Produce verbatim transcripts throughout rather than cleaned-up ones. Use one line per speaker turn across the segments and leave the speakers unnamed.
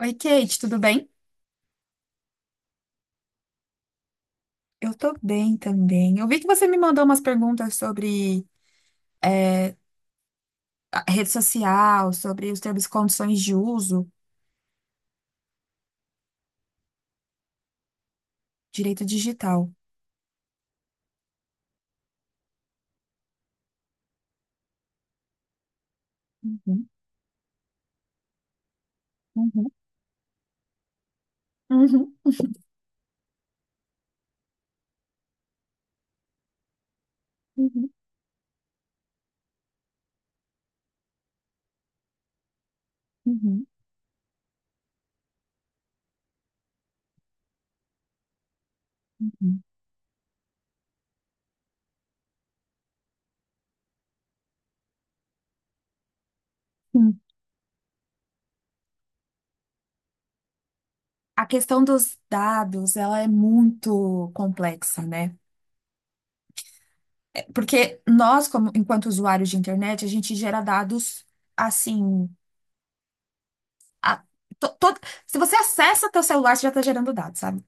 Oi, Kate, tudo bem? Eu tô bem também. Eu vi que você me mandou umas perguntas sobre é, a rede social, sobre os termos e condições de uso, direito digital. Uhum, uhum, uhum, uhum, uhum, uhum. Sim. A questão dos dados, ela é muito complexa, né? É, porque nós, como enquanto usuários de internet, a gente gera dados assim. a- to- todo- Se você acessa teu celular, você já está gerando dados, sabe?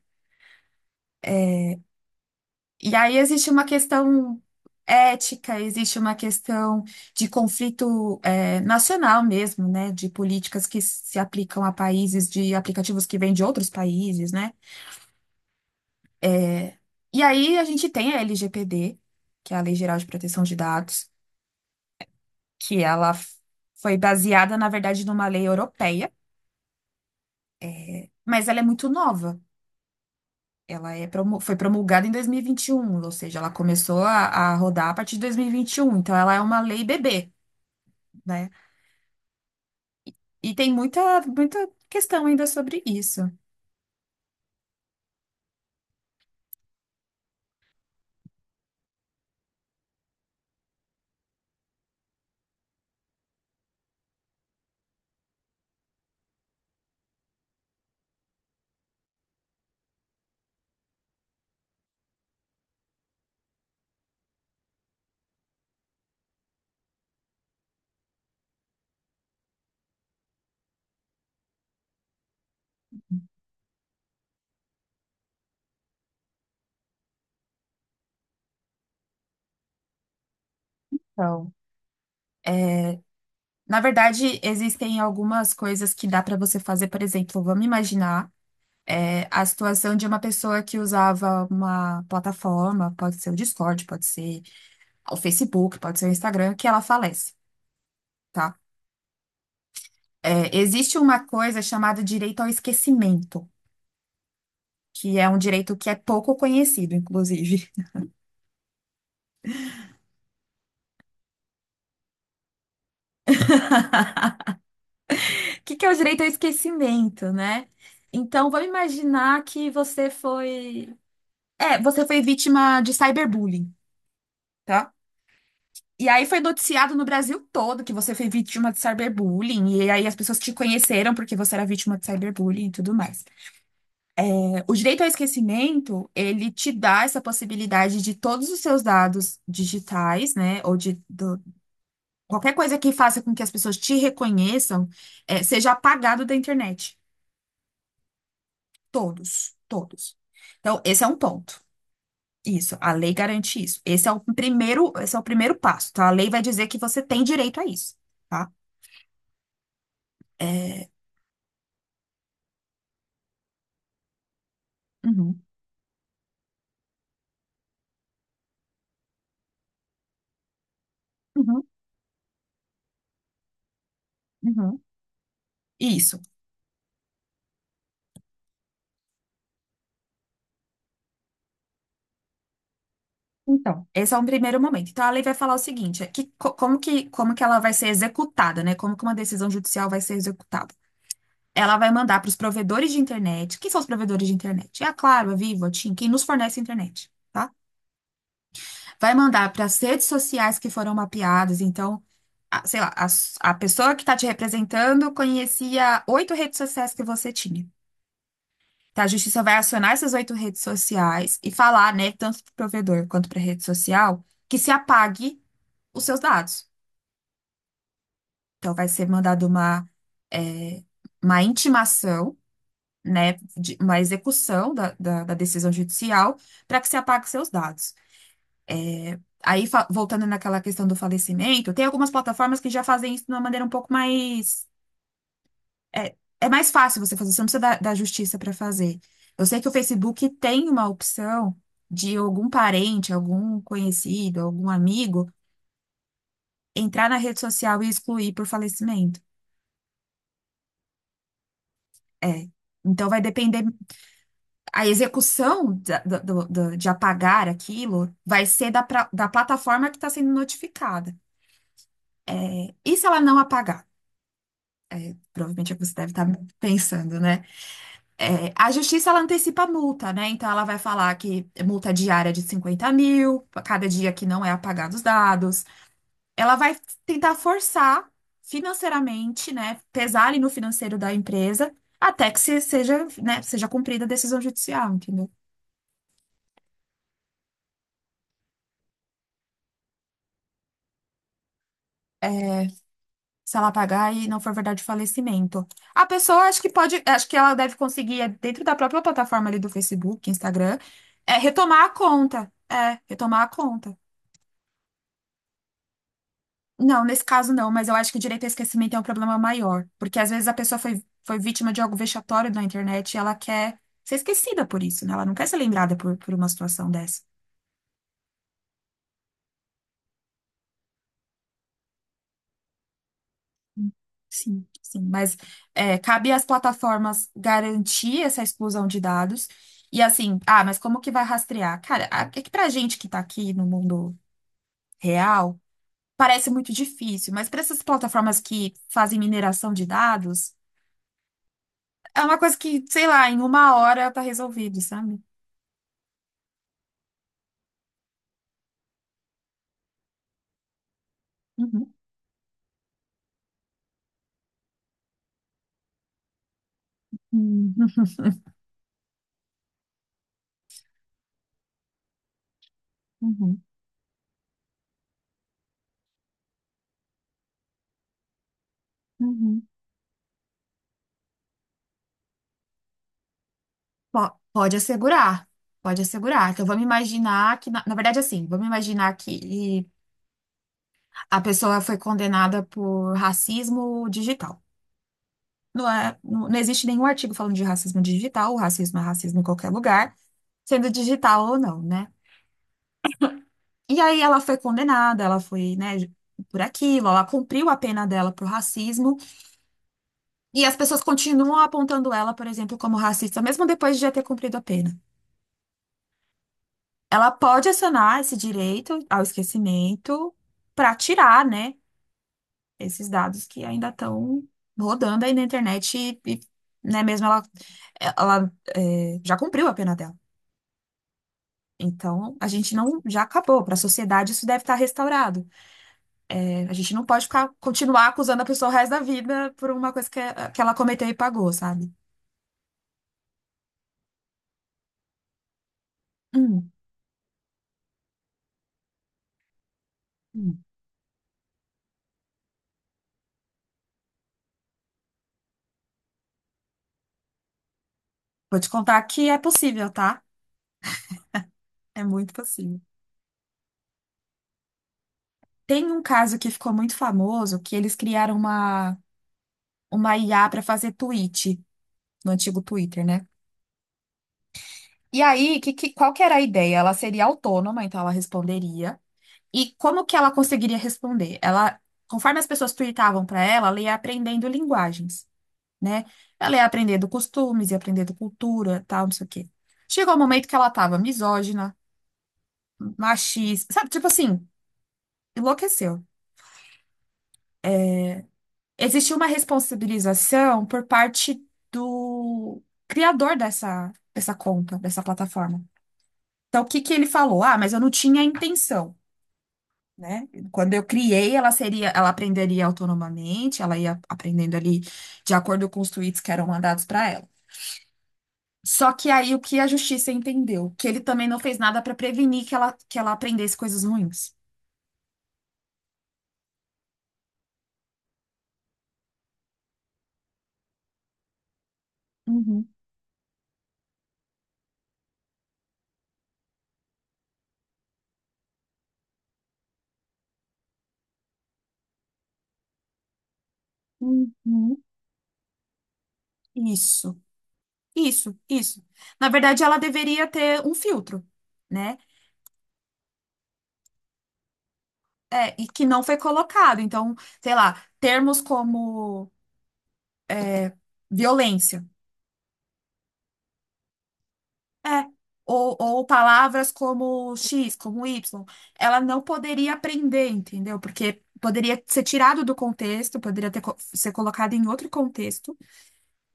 E aí existe uma questão ética, existe uma questão de conflito é, nacional mesmo, né? De políticas que se aplicam a países, de aplicativos que vêm de outros países, né? É, e aí a gente tem a L G P D, que é a Lei Geral de Proteção de Dados, que ela f- foi baseada, na verdade, numa lei europeia, mas ela é muito nova. Ela é promu- foi promulgada em dois mil e e vinte e um, ou seja, ela começou a, a rodar a partir de dois mil e e vinte e um, então ela é uma lei bebê. Né? E tem muita, muita questão ainda sobre isso. Então, é, na verdade, existem algumas coisas que dá para você fazer. Por exemplo, vamos imaginar, é, a situação de uma pessoa que usava uma plataforma, pode ser o Discord, pode ser o Facebook, pode ser o Instagram, que ela falece, tá? É, existe uma coisa chamada direito ao esquecimento, que é um direito que é pouco conhecido, inclusive. O que que é o direito ao esquecimento, né? Então, vamos imaginar que você foi. É, você foi vítima de cyberbullying, tá? E aí foi noticiado no Brasil todo que você foi vítima de cyberbullying, e aí as pessoas te conheceram porque você era vítima de cyberbullying e tudo mais. É, O direito ao esquecimento, ele te dá essa possibilidade de todos os seus dados digitais, né, ou de do- qualquer coisa que faça com que as pessoas te reconheçam, é, seja apagado da internet. Todos, todos. Então, esse é um ponto. Isso, a lei garante isso. Esse é o primeiro, esse é o primeiro passo, tá? A lei vai dizer que você tem direito a isso, tá? Uhum, uhum, uhum. Isso. Então, esse é um primeiro momento. Então, a lei vai falar o seguinte, é que, co- como que, como que ela vai ser executada, né? Como que uma decisão judicial vai ser executada? Ela vai mandar para os provedores de internet. Quem são os provedores de internet? É a Claro, a Vivo, a TIM, quem nos fornece internet. Tá? Vai mandar para as redes sociais que foram mapeadas. Então, a- sei lá, a, s- a pessoa que está te representando conhecia oito redes sociais que você tinha. Tá, a justiça vai acionar essas oito redes sociais e falar, né, tanto para o provedor quanto para a rede social, que se apague os seus dados. Então, vai ser mandado uma, é, uma intimação, né, de- uma execução da, da da decisão judicial para que se apague seus dados. Aí, fa- voltando naquela questão do falecimento, tem algumas plataformas que já fazem isso de uma maneira um pouco mais. É, é mais fácil você fazer, você não precisa da, da justiça para fazer. Eu sei que o Facebook tem uma opção de algum parente, algum conhecido, algum amigo entrar na rede social e excluir por falecimento. É. Então, vai depender. A execução da- da- do- do- de apagar aquilo vai ser da, pra- da plataforma que está sendo notificada. E se ela não apagar? Provavelmente é o que você deve estar pensando, né? É, a justiça, ela antecipa a multa, né? Então, ela vai falar que é multa diária de cinquenta mil, pra cada dia que não é apagado os dados. Ela vai tentar forçar financeiramente, né? Pesar ali no financeiro da empresa, até que se- seja, né, seja cumprida a decisão judicial, entendeu? Se ela pagar e não for verdade o falecimento. A pessoa, acho que pode, acho que ela deve conseguir, é, dentro da própria plataforma ali do Facebook, Instagram, é, retomar a conta. É, retomar a conta. Não, nesse caso não, mas eu acho que o direito ao esquecimento é um problema maior, porque às vezes a pessoa foi, foi vítima de algo vexatório na internet e ela quer ser esquecida por isso, né? Ela não quer ser lembrada por, por uma situação dessa. Sim. Sim, mas é, cabe às plataformas garantir essa exclusão de dados. E assim, ah, mas como que vai rastrear? Cara, a- é que pra gente que tá aqui no mundo real, parece muito difícil, mas para essas plataformas que fazem mineração de dados, é uma coisa que, sei lá, em uma hora tá resolvido, sabe? Uhum, uhum, uhum, uhum. Po- Pode assegurar, pode assegurar. Então, vamos imaginar que, na, na verdade, assim, vamos imaginar que a pessoa foi condenada por racismo digital. Não é, não, não existe nenhum artigo falando de racismo digital, o racismo é racismo em qualquer lugar, sendo digital ou não, né? E aí ela foi condenada, ela foi, né, por aquilo, ela cumpriu a pena dela por racismo, e as pessoas continuam apontando ela, por exemplo, como racista, mesmo depois de já ter cumprido a pena. Ela pode acionar esse direito ao esquecimento para tirar, né, esses dados que ainda estão rodando aí na internet e, e, né, mesmo ela, ela é, já cumpriu a pena dela. Então, a gente não, já acabou. Para a sociedade, isso deve estar restaurado. É, a gente não pode ficar, continuar acusando a pessoa o resto da vida por uma coisa que, que ela cometeu e pagou, sabe? Hum, hum. Vou te contar que é possível, tá? É muito possível. Tem um caso que ficou muito famoso, que eles criaram uma uma I A para fazer tweet, no antigo Twitter, né? E aí, que, que- qual que era a ideia? Ela seria autônoma, então ela responderia. E como que ela conseguiria responder? Ela, conforme as pessoas tweetavam para ela, ela ia aprendendo linguagens, né? Ela ia aprendendo costumes, ia aprendendo cultura, tal, não sei o quê. Chegou o momento que ela estava misógina, machista, sabe? Tipo assim, enlouqueceu. Existiu uma responsabilização por parte do criador dessa, dessa conta, dessa plataforma. Então, o que que ele falou? Ah, mas eu não tinha intenção, né? Quando eu criei, ela seria, ela aprenderia autonomamente, ela ia aprendendo ali de acordo com os tweets que eram mandados para ela. Só que aí o que a justiça entendeu? Que ele também não fez nada para prevenir que ela, que ela aprendesse coisas ruins. Uhum, uhum. Isso, isso, isso. Na verdade, ela deveria ter um filtro, né? É, e que não foi colocado. Então, sei lá, termos como violência. É. Ou, ou palavras como X, como Y. Ela não poderia aprender, entendeu? Porque poderia ser tirado do contexto, poderia ter, co- ser colocado em outro contexto.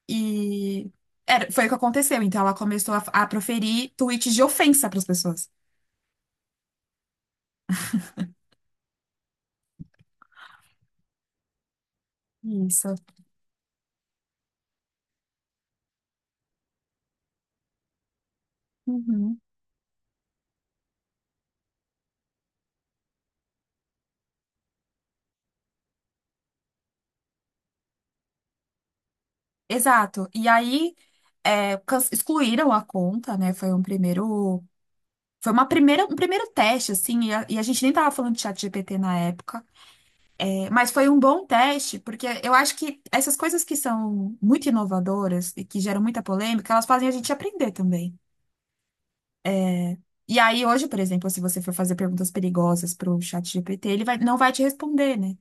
E era, foi o que aconteceu. Então ela começou a, a proferir tweets de ofensa para as pessoas. Isso. Uhum. Exato. E aí é, can- excluíram a conta, né? Foi um primeiro. Foi uma primeira, um primeiro teste, assim, e a, e a gente nem tava falando de chat G P T na época. Mas foi um bom teste, porque eu acho que essas coisas que são muito inovadoras e que geram muita polêmica, elas fazem a gente aprender também. E aí, hoje, por exemplo, se você for fazer perguntas perigosas para o chat G P T, ele vai- não vai te responder, né?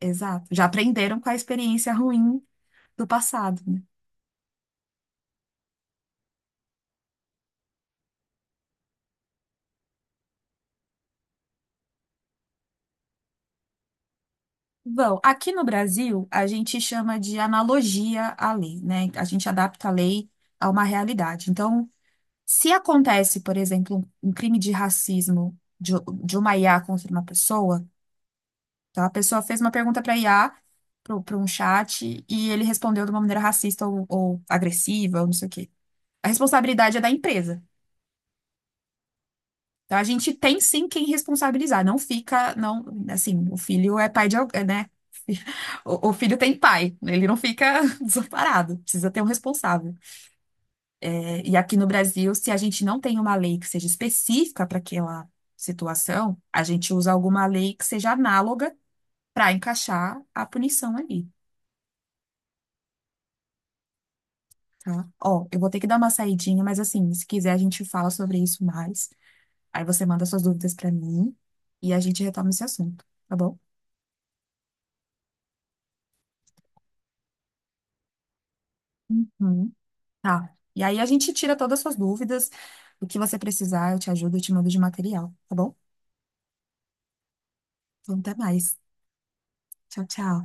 Exato. Já aprenderam com a experiência ruim do passado, né? Bom, aqui no Brasil, a gente chama de analogia à lei, né? A gente adapta a lei a uma realidade. Então, se acontece, por exemplo, um crime de racismo de, de uma I A contra uma pessoa, então, a pessoa fez uma pergunta para I A, para um chat, e ele respondeu de uma maneira racista ou, ou agressiva, ou não sei o quê. A responsabilidade é da empresa. Então, a gente tem sim quem responsabilizar. Não fica, não, assim, o filho é pai de alguém, né? O, o filho tem pai, ele não fica desamparado, precisa ter um responsável. É, e aqui no Brasil, se a gente não tem uma lei que seja específica para aquela situação, a gente usa alguma lei que seja análoga para encaixar a punição ali. Tá? Ó, eu vou ter que dar uma saidinha, mas assim, se quiser a gente fala sobre isso mais. Aí você manda suas dúvidas pra mim e a gente retoma esse assunto, tá bom? Uhum. Tá. E aí a gente tira todas as suas dúvidas, o que você precisar, eu te ajudo, eu te mando de material, tá bom? Então até mais. Tchau, tchau.